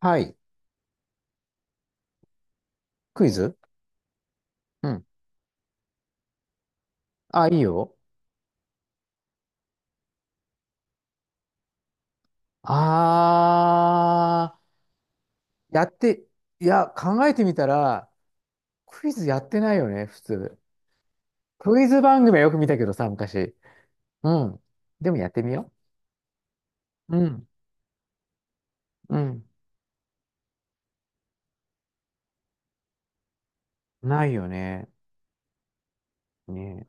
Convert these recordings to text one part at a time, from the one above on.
はい。クイズ。うん。あ、いいよ。あー、やって、いや、考えてみたら、クイズやってないよね、普通。クイズ番組はよく見たけどさ、昔。うん。でもやってみよう。うん。うん。ないよね。ね。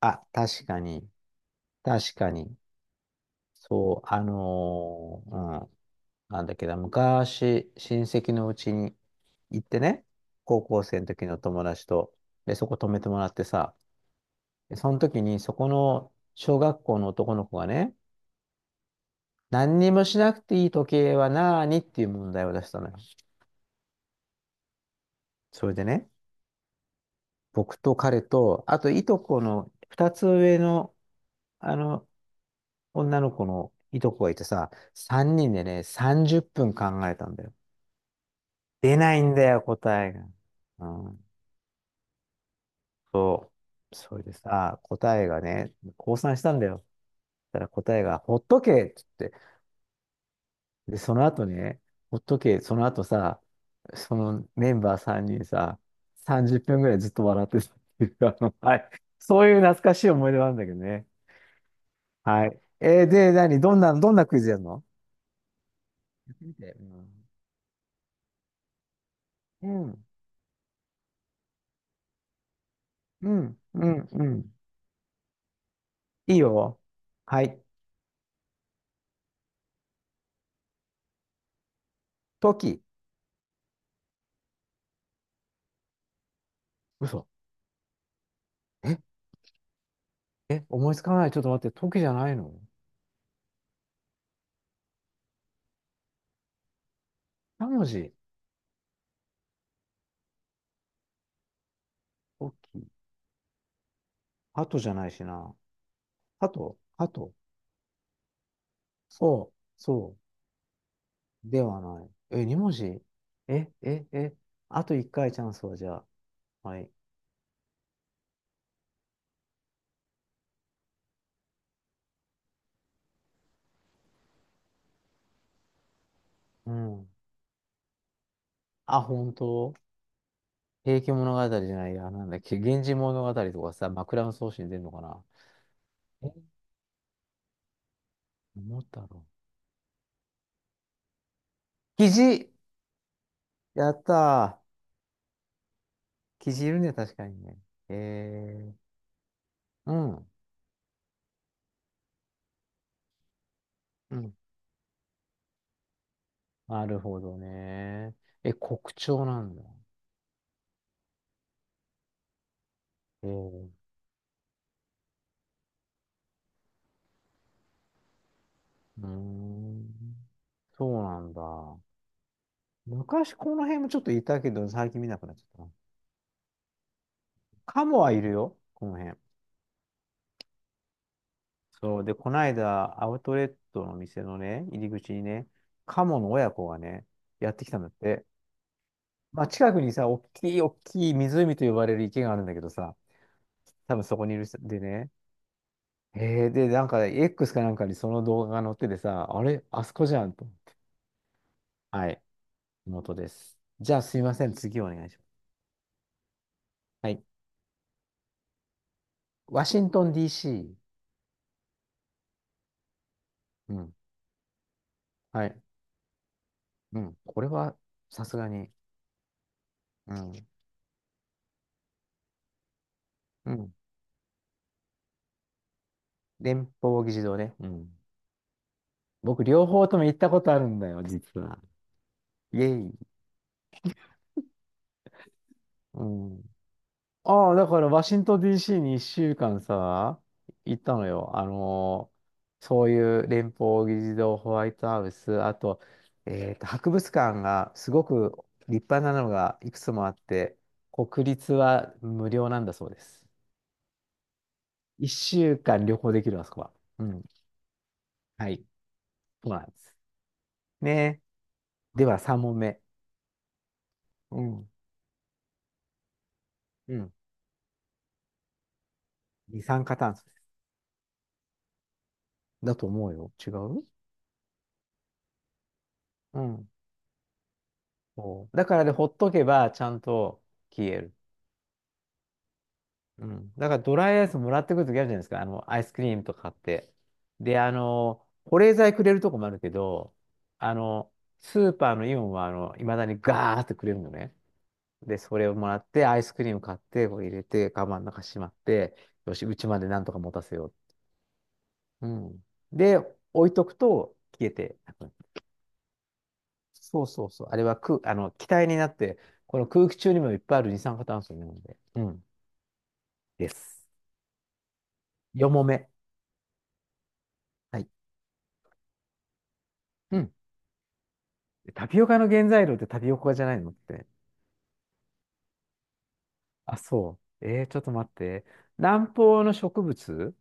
あ、確かに。確かに。そう、うん。なんだっけど、昔、親戚のうちに行ってね、高校生の時の友達と、で、そこ泊めてもらってさ、でその時に、そこの小学校の男の子がね、何にもしなくていい時計は何っていう問題を出したのよ。それでね、僕と彼と、あといとこの2つ上の、あの、女の子のいとこがいてさ、3人でね、30分考えたんだよ。出ないんだよ、答えが。うん、そう。それでさ、答えがね、降参したんだよ。そしたら答えが、ほっとけってで、その後ね、ほっとけ、その後さ、そのメンバー3人さ、30分ぐらいずっと笑ってたっていう、はい。そういう懐かしい思い出なんだけどね。はい。えーで、何どんな、どんなクイズやるの？やってみて。うん、うん、うん、うん。いいよ。はい。時。嘘。え、え、思いつかない。ちょっと待って。時じゃないの？三文字。トキ。ハトじゃないしな。ハトハト。そう、そう。ではない。え、二文字？え、あと一回チャンスは？じゃあ、はい。うん。あ、本当？平家物語じゃないや。なんだっけ、源氏物語とかさ、枕草子に出るのかな。え、桃太郎。キジ。やったー。キジいるね、確かにね。えうん。うん。なるほどね。え、国鳥なんだ。えー、うーん。そうなんだ。昔この辺もちょっといたけど、最近見なくなっちゃったな。カモはいるよ、この辺。そう。で、こないだ、アウトレットの店のね、入り口にね、カモの親子がね、やってきたんだって。まあ、近くにさ、おっきいおっきい湖と呼ばれる池があるんだけどさ、多分そこにいる人でね。へえ、で、なんか、X かなんかにその動画が載っててさ、あれ、あそこじゃんと思って。はい、元です。じゃあ、すいません、次お願いします。はい。ワシントン DC。うん。はい。うん。これは、さすがに。うん。うん。連邦議事堂ね。うん。僕、両方とも行ったことあるんだよ、実は。イェイ。うん。ああ、だから、ワシントン DC に1週間さ、行ったのよ。そういう連邦議事堂、ホワイトハウス、あと、博物館がすごく立派なのがいくつもあって、国立は無料なんだそうです。1週間旅行できる、あそこは。うん。はい。そうなんです。ね。では、3問目。うん。うん。二酸化炭素だと思うよ。違う？うん。そうだから、で、ほっとけばちゃんと消える。うん。だからドライアイスもらってくるときあるじゃないですか。アイスクリームとか買って。で、保冷剤くれるとこもあるけど、あの、スーパーのイオンは、いまだにガーってくれるのね。で、それをもらって、アイスクリーム買って、こう入れて、カバンの中しまって、よし、うちまでなんとか持たせよう。うん。で、置いとくと消えてなくなる。そうそうそう。あれは空、あの、気体になって、この空気中にもいっぱいある二酸化炭素なので。うん。です。よもめ。はい。うん。タピオカの原材料ってタピオカじゃないのって。あ、そう。ちょっと待って。南方の植物。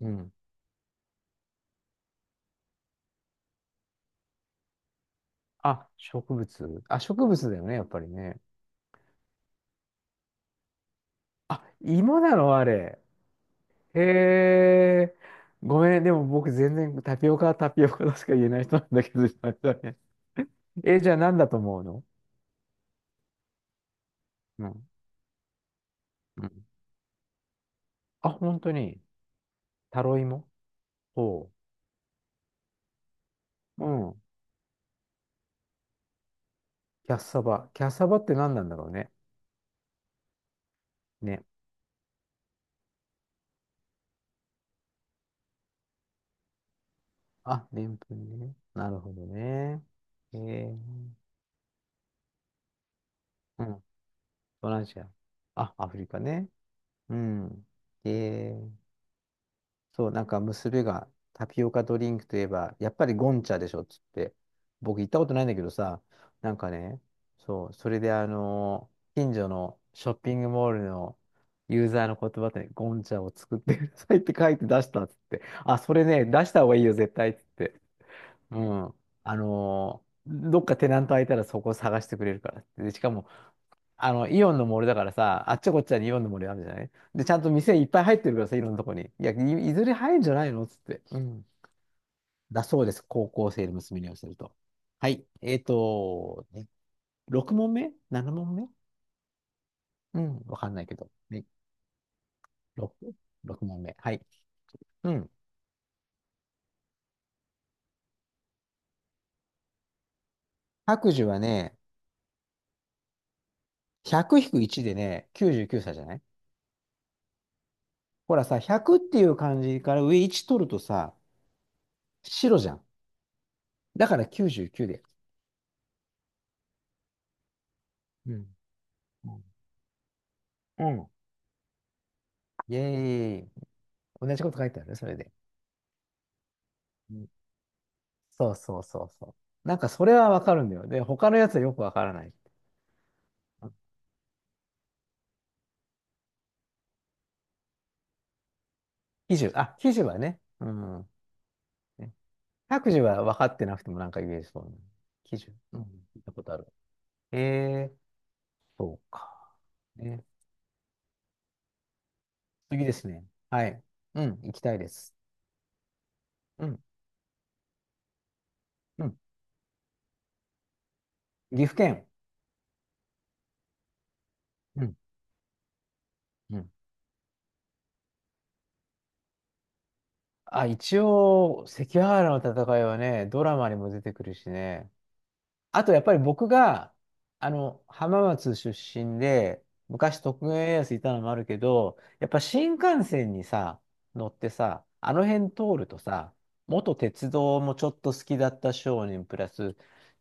うん。あ、植物。あ、植物だよね、やっぱりね。あ、芋なのあれ？へえ。ごめんね、でも僕全然タピオカはタピオカとしか言えない人なんだけど、じゃあ何だと思うの？うん。うん。あ、本当に？タロイモ？おう。うん。キャッサバ。キャッサバって何なんだろうね。ね。あ、でんぷんね。なるほどね。うん。東南アジア。あ、アフリカね。うん。えーそう、なんか娘がタピオカドリンクといえば、やっぱりゴンチャでしょっつって、僕行ったことないんだけどさ、なんかね、そう、それで近所のショッピングモールのユーザーの言葉で、ね、ゴンチャを作ってくださいって書いて出したっつって、あ、それね、出した方がいいよ、絶対っつって、うん、どっかテナント空いたらそこ探してくれるからって。で、しかも、イオンの森だからさ、あっちゃこっちゃにイオンの森あるじゃないで、ちゃんと店いっぱい入ってるからさ、いろんなとこに。いや、いずれ入るんじゃないのつって。うん。だそうです。高校生の娘に寄せると。はい。ね、6問目？ 7 問目？うん。わかんないけど。ね、6、6問目。はい。うん。白寿はね、100-1でね、99歳。じゅうきゅうさいじゃない？ほらさ、100っていう漢字から上1取るとさ、白じゃん。だから99で。うん。うん。うん。イェーイ。同じこと書いてあるね、それで。うん。そうそうそうそう。なんかそれはわかるんだよ。で、他のやつはよくわからない。記事、あ、記事はね。うん。ね、白事は分かってなくてもなんか言えそうな。記事。うん。聞いたことある。ええ、そうか。ね。次ですね。はい。うん、行きたいです。うん、うん。岐阜県。うん、うん。あ、一応、関ヶ原の戦いはね、ドラマにも出てくるしね。あとやっぱり僕が、浜松出身で、昔徳川家康いたのもあるけど、やっぱ新幹線にさ、乗ってさ、あの辺通るとさ、元鉄道もちょっと好きだった少年、プラス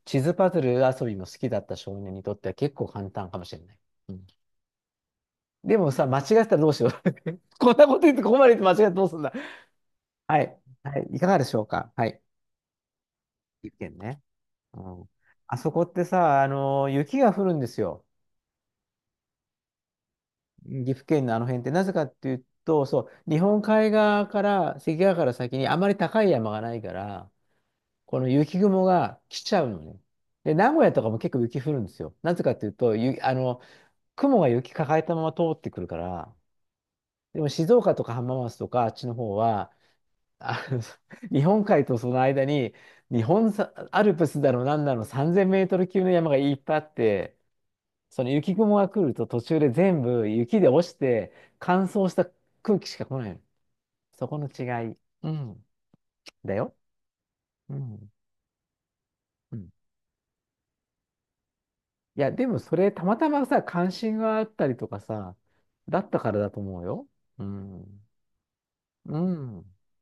地図パズル遊びも好きだった少年にとっては結構簡単かもしれない。うん。でもさ、間違ってたらどうしよう。こんなこと言ってここまで言って間違ってどうすんだ。はい。はい。いかがでしょうか。はい。一見ね。うん。あそこってさ、雪が降るんですよ。岐阜県のあの辺ってなぜかっていうと、そう、日本海側から、関ヶ原から先にあまり高い山がないから、この雪雲が来ちゃうのね。で、名古屋とかも結構雪降るんですよ。なぜかっていうと、ゆ、あの、雲が雪抱えたまま通ってくるから、でも静岡とか浜松とかあっちの方は、あの 日本海とその間に、日本さアルプスだの何だの3000メートル級の山がいっぱいあって、その雪雲が来ると途中で全部雪で落ちて乾燥した空気しか来ないの。そこの違い。うん。だよ。うん。うん。いや、でもそれたまたまさ、関心があったりとかさ、だったからだと思うよ。うん。うん。